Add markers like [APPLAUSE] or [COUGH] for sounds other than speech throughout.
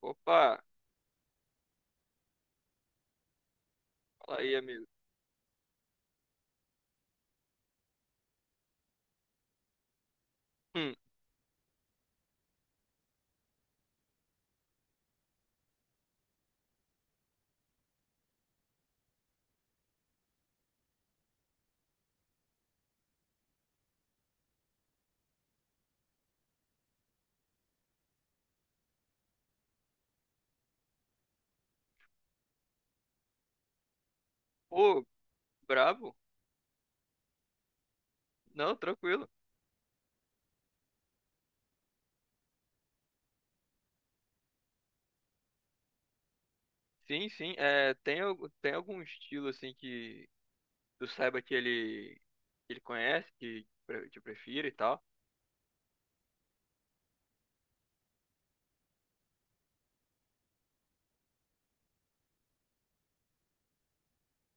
Opa, fala aí, amigo. Hum, pô, brabo? Não, tranquilo. Sim, sim. É, tem, tem algum estilo assim que tu saiba que ele conhece, que te prefira e tal?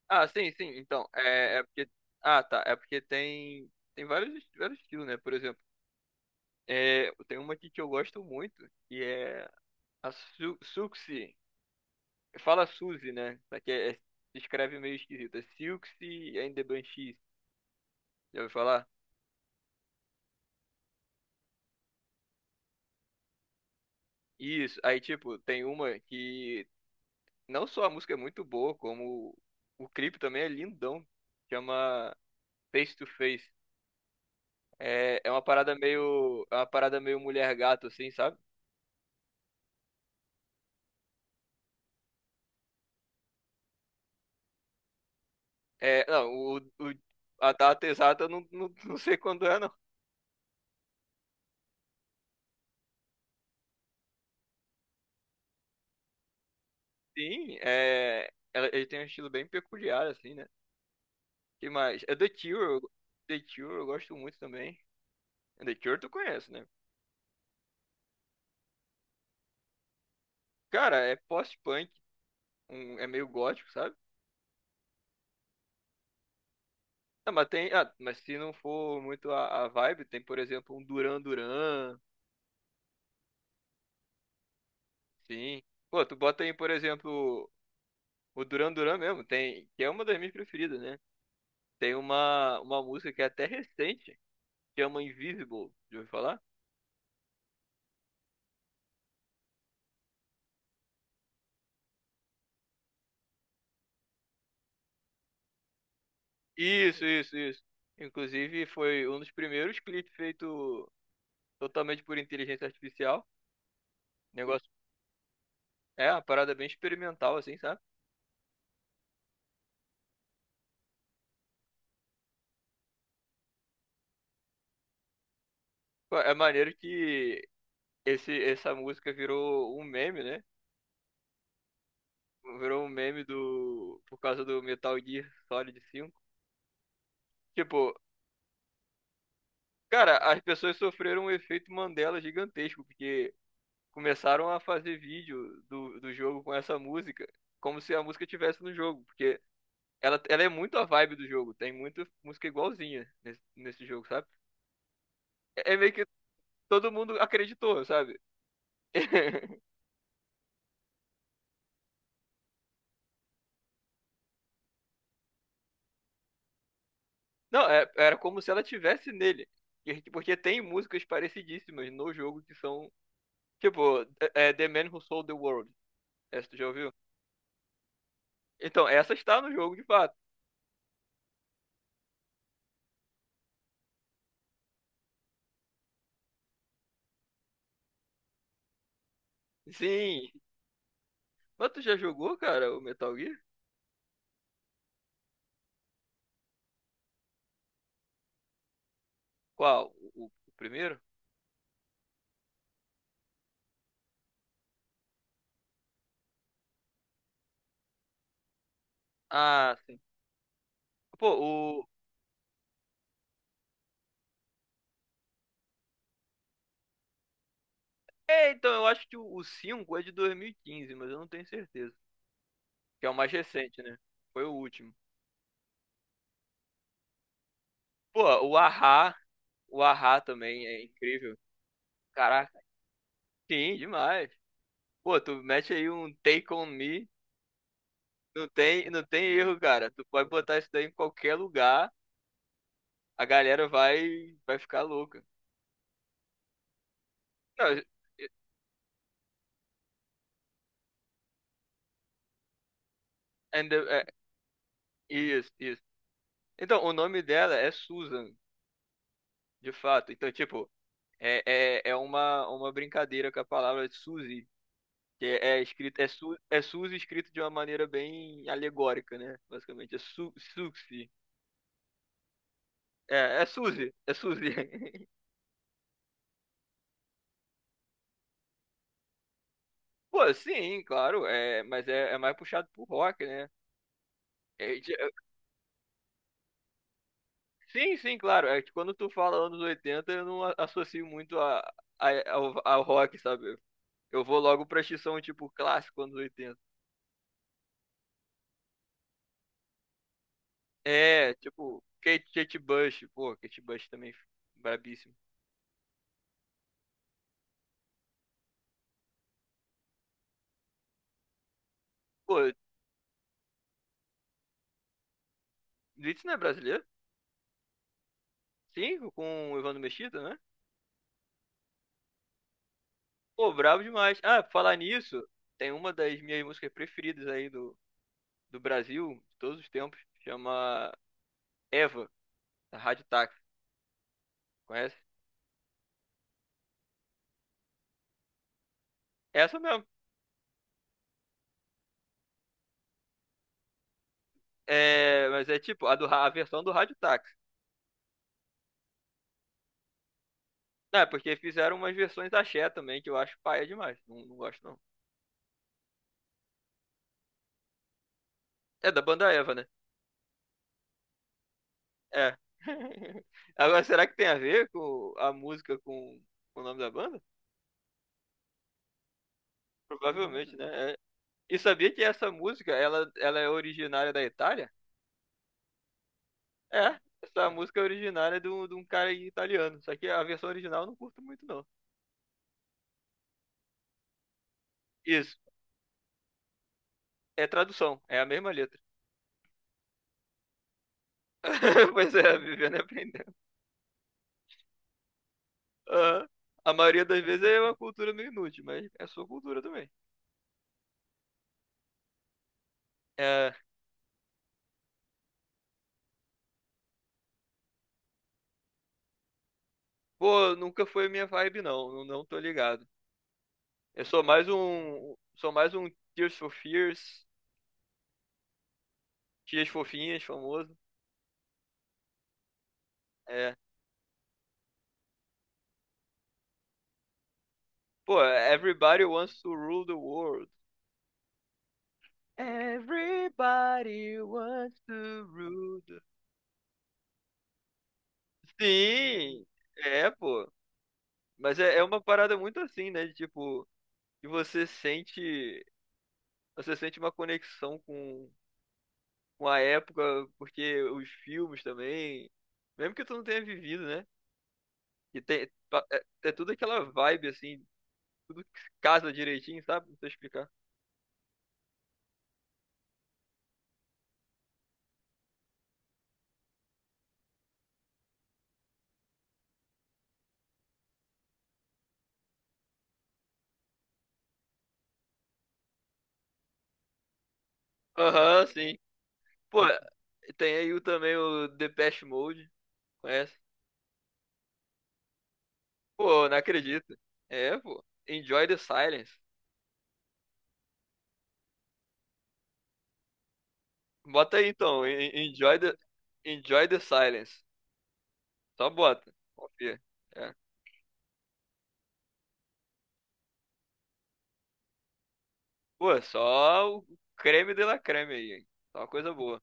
Ah, sim, sim. Então, é porque. Ah, tá. É porque tem, tem vários, vários estilos, né? Por exemplo, é, tem uma aqui que eu gosto muito, que é a Su Suxi. Fala Suzy, né? Só que se escreve meio esquisito. É Silxi and the Banshees. Já ouviu falar? Isso, aí tipo, tem uma que não só a música é muito boa, como o clipe também é lindão. Chama Face to Face. É, é uma parada meio, é uma parada meio mulher gato assim, sabe? É, não, a data exata eu [LAUGHS] não sei quando é, não. Sim, é, ele tem um estilo bem peculiar assim, né? Que mais? É The Cure, eu- The Cure eu gosto muito também. The Cure tu conhece, né? Cara, é post-punk, um, é meio gótico, sabe? Não, mas tem, ah, mas se não for muito a vibe, tem, por exemplo, um Duran Duran, sim. Pô, tu bota aí, por exemplo, o Duran Duran mesmo, tem, que é uma das minhas preferidas, né? Tem uma música que é até recente, que chama Invisible, já ouviu falar? Isso, isso, isso. Inclusive, foi um dos primeiros clipes feito totalmente por inteligência artificial. Negócio, é uma parada bem experimental, assim, sabe? Pô, é maneiro que essa música virou um meme, né? Virou um meme do. Por causa do Metal Gear Solid cinco. Tipo, cara, as pessoas sofreram um efeito Mandela gigantesco, porque começaram a fazer vídeo do jogo com essa música, como se a música tivesse no jogo, porque ela é muito a vibe do jogo, tem muita música igualzinha nesse jogo, sabe? É meio que todo mundo acreditou, sabe? [LAUGHS] Não, era como se ela tivesse nele. E, porque tem músicas parecidíssimas no jogo que são. Tipo, é The Man Who Sold the World. Essa tu já ouviu? Então, essa está no jogo de fato. Sim. Mas tu já jogou, cara, o Metal Gear? Qual? O primeiro? Ah, sim. Pô, o. É, então, eu acho que o 5 é de 2015, mas eu não tenho certeza. Que é o mais recente, né? Foi o último. Pô, o Ahá. O Ahá também é incrível. Caraca, sim, demais. Pô, tu mete aí um Take On Me. Não tem, não tem erro, cara. Tu pode botar isso daí em qualquer lugar. A galera vai, vai ficar louca. Não, and the, é, isso, isso. Então, o nome dela é Susan, de fato. Então, tipo, é, é uma brincadeira com a palavra Suzy, que é escrito, é, Su, é Suzy escrito de uma maneira bem alegórica, né? Basicamente, é Su, Suxy. É Suzy, é Suzy. [LAUGHS] Pô, sim, claro, é, mas é mais puxado pro rock, né? É, é, sim, sim, claro. É que quando tu fala anos 80 eu não associo muito a, ao rock, sabe? Eu vou logo pra X-Som, tipo, clássico anos 80. É, tipo, Kate Bush. Pô, Kate Bush também, brabíssimo. Pô, Blitz não é brasileiro? Sim, com o Evandro Mesquita, né? Pô, brabo demais. Ah, pra falar nisso, tem uma das minhas músicas preferidas aí do, do Brasil, de todos os tempos, chama Eva, da Rádio Táxi. Conhece? É, essa mesmo. É, mas é tipo, a versão do Rádio Táxi. Ah, porque fizeram umas versões da axé também, que eu acho paia demais. Não, não gosto, não. É da banda Eva, né? É. [LAUGHS] Agora, será que tem a ver com a música com o nome da banda? Provavelmente, né? É. E sabia que essa música, ela é originária da Itália? É. Essa música é originária de um cara italiano. Só que a versão original eu não curto muito, não. Isso. É tradução. É a mesma letra. [LAUGHS] Pois é, vivendo e aprendendo. Aham. A maioria das vezes é uma cultura meio inútil, mas é sua cultura também. É, pô, nunca foi minha vibe, não. Não, não tô ligado. Eu sou mais um. Sou mais um Tears for Fears. Tias fofinhas, famoso. É. Pô, Everybody Wants to Rule the World. Everybody wants to rule the... Sim! É, pô. Mas é, é uma parada muito assim, né? De, tipo, que você sente. Você sente uma conexão com a época, porque os filmes também. Mesmo que tu não tenha vivido, né? E tem, é, é tudo aquela vibe, assim, tudo casa direitinho, sabe? Não sei explicar. Aham, sim. Pô, tem aí o, também o Depeche Mode, conhece? Pô, não acredito. É, pô. Enjoy the Silence. Bota aí então, Enjoy the Silence. Só bota, confia. É. Pô, só o creme de la creme aí, hein? Só uma coisa boa.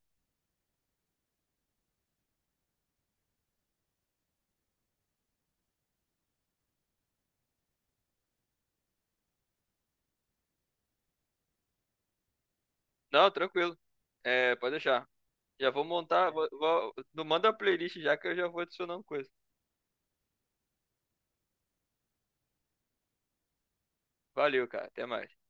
Não, tranquilo. É, pode deixar. Já vou montar, não manda a playlist já que eu já vou adicionando coisa. Valeu, cara. Até mais.